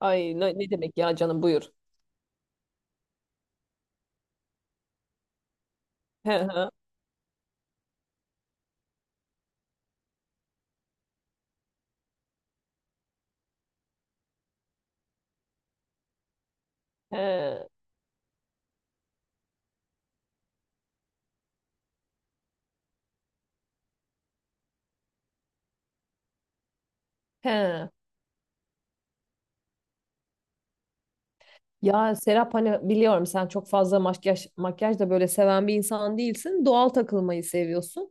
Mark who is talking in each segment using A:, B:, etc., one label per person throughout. A: Ay ne, ne demek ya canım buyur. He he he he. Ya Serap, hani biliyorum sen çok fazla makyaj da böyle seven bir insan değilsin. Doğal takılmayı seviyorsun.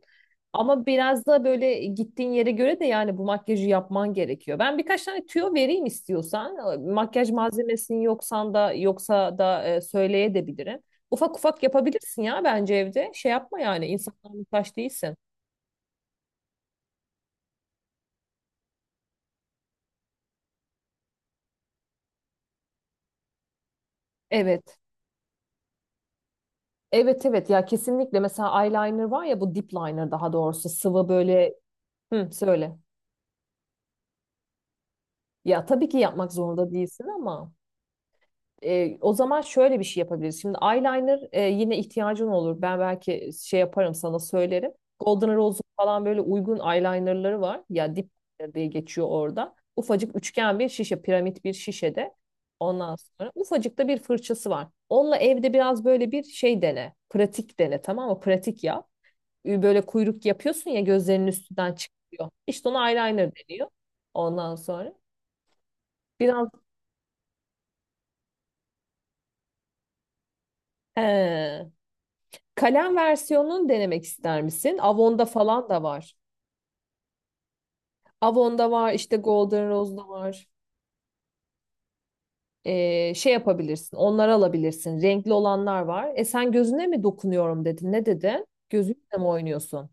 A: Ama biraz da böyle gittiğin yere göre de yani bu makyajı yapman gerekiyor. Ben birkaç tane tüyo vereyim istiyorsan. Makyaj malzemesinin yoksa da söyleyebilirim. Ufak ufak yapabilirsin ya bence evde. Şey yapma yani insanlara muhtaç değilsin. Evet. Evet evet ya kesinlikle, mesela eyeliner var ya, bu dip liner daha doğrusu, sıvı böyle hı, söyle. Ya tabii ki yapmak zorunda değilsin ama o zaman şöyle bir şey yapabiliriz. Şimdi eyeliner yine ihtiyacın olur. Ben belki şey yaparım, sana söylerim. Golden Rose'un falan böyle uygun eyelinerları var. Ya dip liner diye geçiyor orada. Ufacık üçgen bir şişe, piramit bir şişede. Ondan sonra ufacık da bir fırçası var. Onunla evde biraz böyle bir şey dene. Pratik dene, tamam mı? Pratik yap. Böyle kuyruk yapıyorsun ya, gözlerinin üstünden çıkıyor. İşte ona eyeliner deniyor. Ondan sonra biraz he, kalem versiyonunu denemek ister misin? Avon'da falan da var. Avon'da var, işte Golden Rose'da var. Şey yapabilirsin, onları alabilirsin. Renkli olanlar var. E sen gözüne mi dokunuyorum dedin, ne dedin? Gözünle mi oynuyorsun?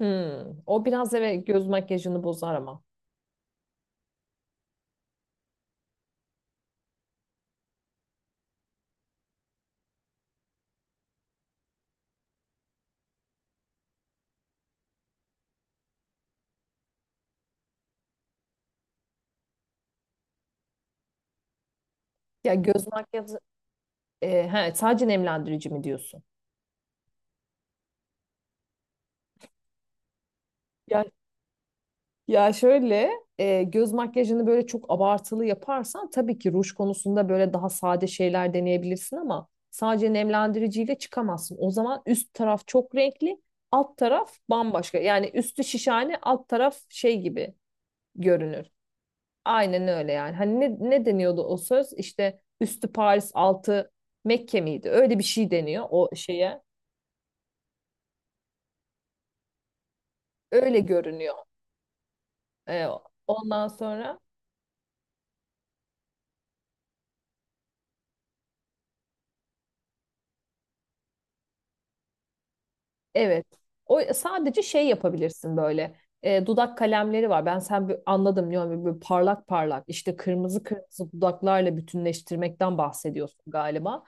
A: Hmm. O biraz, evet, göz makyajını bozar ama. Ya göz makyajı, sadece nemlendirici mi diyorsun? Ya Ya şöyle, göz makyajını böyle çok abartılı yaparsan tabii ki ruj konusunda böyle daha sade şeyler deneyebilirsin ama sadece nemlendiriciyle çıkamazsın. O zaman üst taraf çok renkli, alt taraf bambaşka. Yani üstü şişhane, alt taraf şey gibi görünür. Aynen öyle yani. Hani ne, ne deniyordu o söz? İşte üstü Paris, altı Mekke miydi? Öyle bir şey deniyor o şeye. Öyle görünüyor. E, Ondan sonra. Evet. O sadece şey yapabilirsin böyle. E, dudak kalemleri var. Ben sen anladım diyorum, böyle, böyle parlak parlak işte kırmızı kırmızı dudaklarla bütünleştirmekten bahsediyorsun galiba.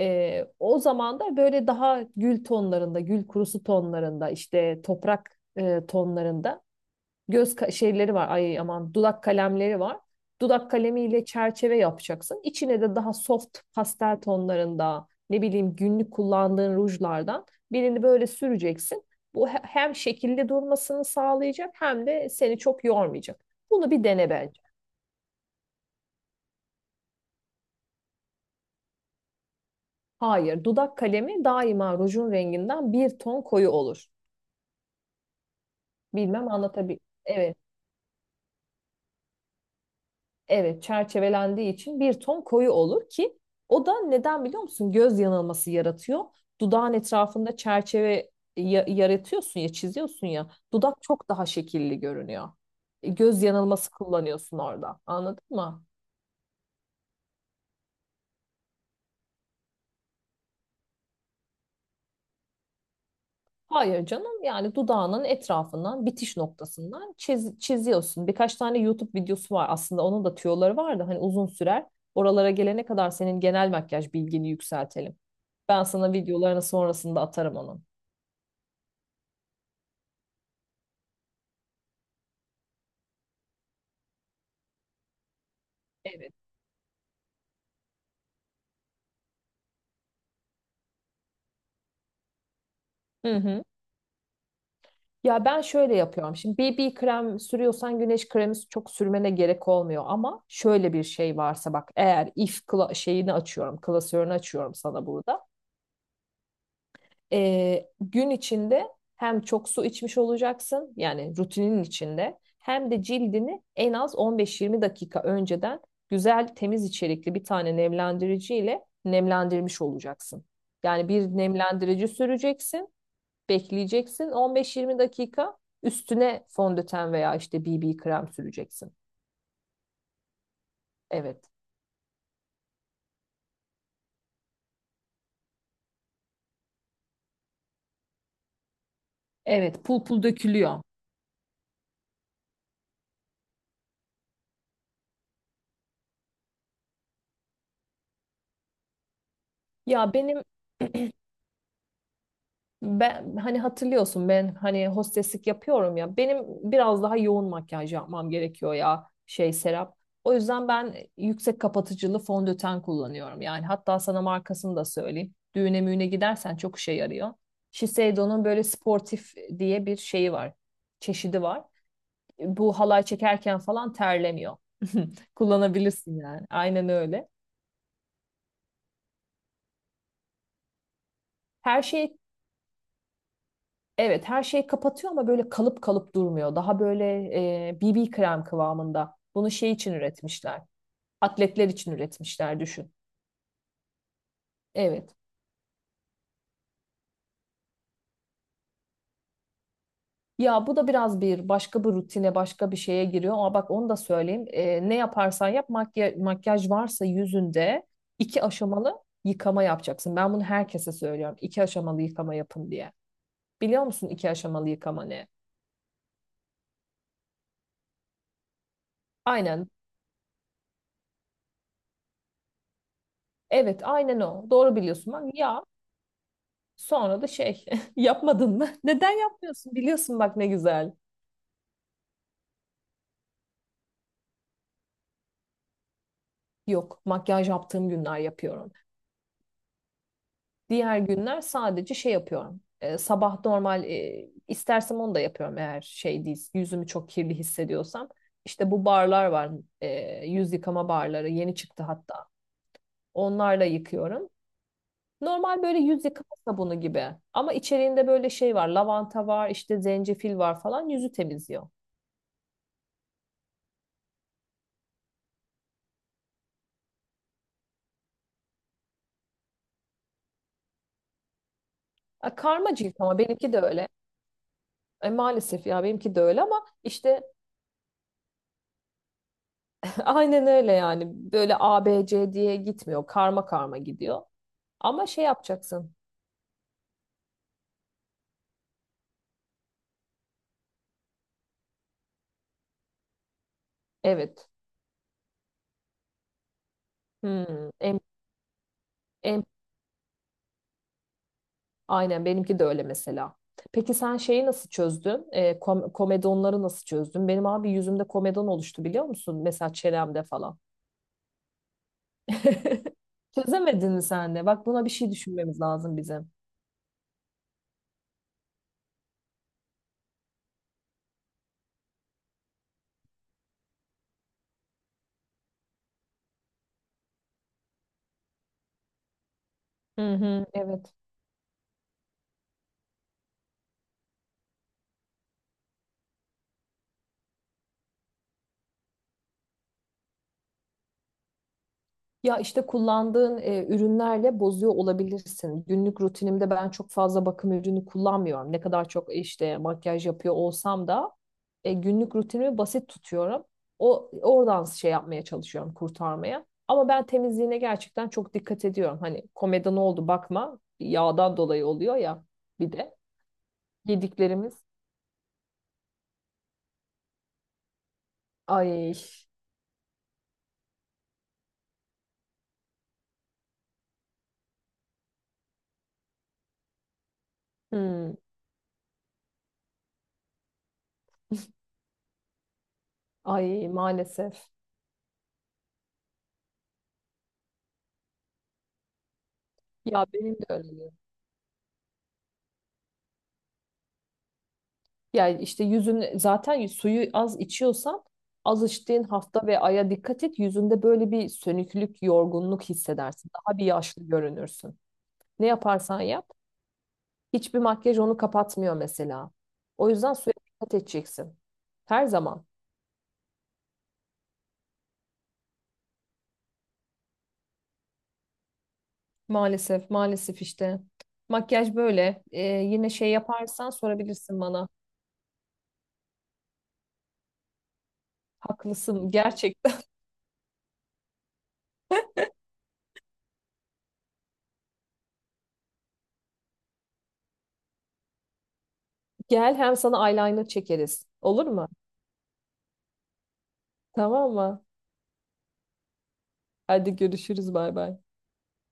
A: E, o zaman da böyle daha gül tonlarında, gül kurusu tonlarında, işte toprak tonlarında şeyleri var. Ay aman, dudak kalemleri var. Dudak kalemiyle çerçeve yapacaksın. İçine de daha soft pastel tonlarında, ne bileyim, günlük kullandığın rujlardan birini böyle süreceksin. Bu hem şekilde durmasını sağlayacak hem de seni çok yormayacak. Bunu bir dene bence. Hayır, dudak kalemi daima rujun renginden bir ton koyu olur. Bilmem anlatabil. Evet. Evet, çerçevelendiği için bir ton koyu olur ki o da neden biliyor musun? Göz yanılması yaratıyor. Dudağın etrafında çerçeve yaratıyorsun ya, çiziyorsun ya. Dudak çok daha şekilli görünüyor. E, göz yanılması kullanıyorsun orada. Anladın mı? Hayır canım, yani dudağının etrafından, bitiş noktasından çiziyorsun. Birkaç tane YouTube videosu var aslında, onun da tüyoları var da hani uzun sürer. Oralara gelene kadar senin genel makyaj bilgini yükseltelim. Ben sana videolarını sonrasında atarım onun. Evet. Hı hı. Ya ben şöyle yapıyorum. Şimdi BB krem sürüyorsan güneş kremi çok sürmene gerek olmuyor, ama şöyle bir şey varsa bak, eğer if kla- şeyini açıyorum, klasörünü açıyorum sana burada. Gün içinde hem çok su içmiş olacaksın yani rutinin içinde, hem de cildini en az 15-20 dakika önceden güzel temiz içerikli bir tane nemlendirici ile nemlendirmiş olacaksın. Yani bir nemlendirici süreceksin. Bekleyeceksin 15-20 dakika, üstüne fondöten veya işte BB krem süreceksin. Evet. Evet, pul pul dökülüyor. Ya benim ben hani hatırlıyorsun, ben hani hosteslik yapıyorum ya. Benim biraz daha yoğun makyaj yapmam gerekiyor ya şey Serap. O yüzden ben yüksek kapatıcılı fondöten kullanıyorum. Yani hatta sana markasını da söyleyeyim. Düğüne müğüne gidersen çok işe yarıyor. Shiseido'nun böyle sportif diye bir şeyi var. Çeşidi var. Bu halay çekerken falan terlemiyor. Kullanabilirsin yani. Aynen öyle. Her şey Evet, her şeyi kapatıyor ama böyle kalıp kalıp durmuyor. Daha böyle, BB krem kıvamında. Bunu şey için üretmişler. Atletler için üretmişler, düşün. Evet. Ya bu da biraz bir başka bir rutine, başka bir şeye giriyor ama bak, onu da söyleyeyim. E, ne yaparsan yap, makyaj, makyaj varsa yüzünde iki aşamalı yıkama yapacaksın. Ben bunu herkese söylüyorum. İki aşamalı yıkama yapın diye. Biliyor musun iki aşamalı yıkama ne? Aynen. Evet, aynen o. Doğru biliyorsun. Bak ya, sonra da şey yapmadın mı? Neden yapmıyorsun? Biliyorsun bak, ne güzel. Yok, makyaj yaptığım günler yapıyorum. Diğer günler sadece şey yapıyorum. Sabah normal, istersem onu da yapıyorum eğer şey değil, yüzümü çok kirli hissediyorsam. İşte bu barlar var, yüz yıkama barları yeni çıktı hatta. Onlarla yıkıyorum. Normal böyle yüz yıkama sabunu gibi. Ama içeriğinde böyle şey var. Lavanta var, işte zencefil var falan. Yüzü temizliyor. E, karma cilt, ama benimki de öyle. E, maalesef ya, benimki de öyle ama işte aynen öyle yani. Böyle A, B, C diye gitmiyor. Karma karma gidiyor. Ama şey yapacaksın. Evet. Hmm, em, aynen benimki de öyle mesela. Peki sen şeyi nasıl çözdün? E, komedonları nasıl çözdün? Benim abi yüzümde komedon oluştu biliyor musun? Mesela çenemde falan. Çözemedin mi sen de? Bak buna bir şey düşünmemiz lazım bizim. Hı hı, evet. Ya işte kullandığın ürünlerle bozuyor olabilirsin. Günlük rutinimde ben çok fazla bakım ürünü kullanmıyorum. Ne kadar çok işte makyaj yapıyor olsam da günlük rutinimi basit tutuyorum. O oradan şey yapmaya çalışıyorum, kurtarmaya. Ama ben temizliğine gerçekten çok dikkat ediyorum. Hani komeda ne oldu bakma. Yağdan dolayı oluyor ya, bir de yediklerimiz. Ay, hmm, ay maalesef. Ya benim de öyle. Yani işte yüzün, zaten suyu az içiyorsan az içtiğin hafta ve aya dikkat et. Yüzünde böyle bir sönüklük, yorgunluk hissedersin. Daha bir yaşlı görünürsün. Ne yaparsan yap, hiçbir makyaj onu kapatmıyor mesela. O yüzden suya dikkat edeceksin. Her zaman. Maalesef, maalesef işte. Makyaj böyle. Yine şey yaparsan sorabilirsin bana. Haklısın gerçekten. Gel, hem sana eyeliner çekeriz. Olur mu? Tamam mı? Hadi görüşürüz, bay bay.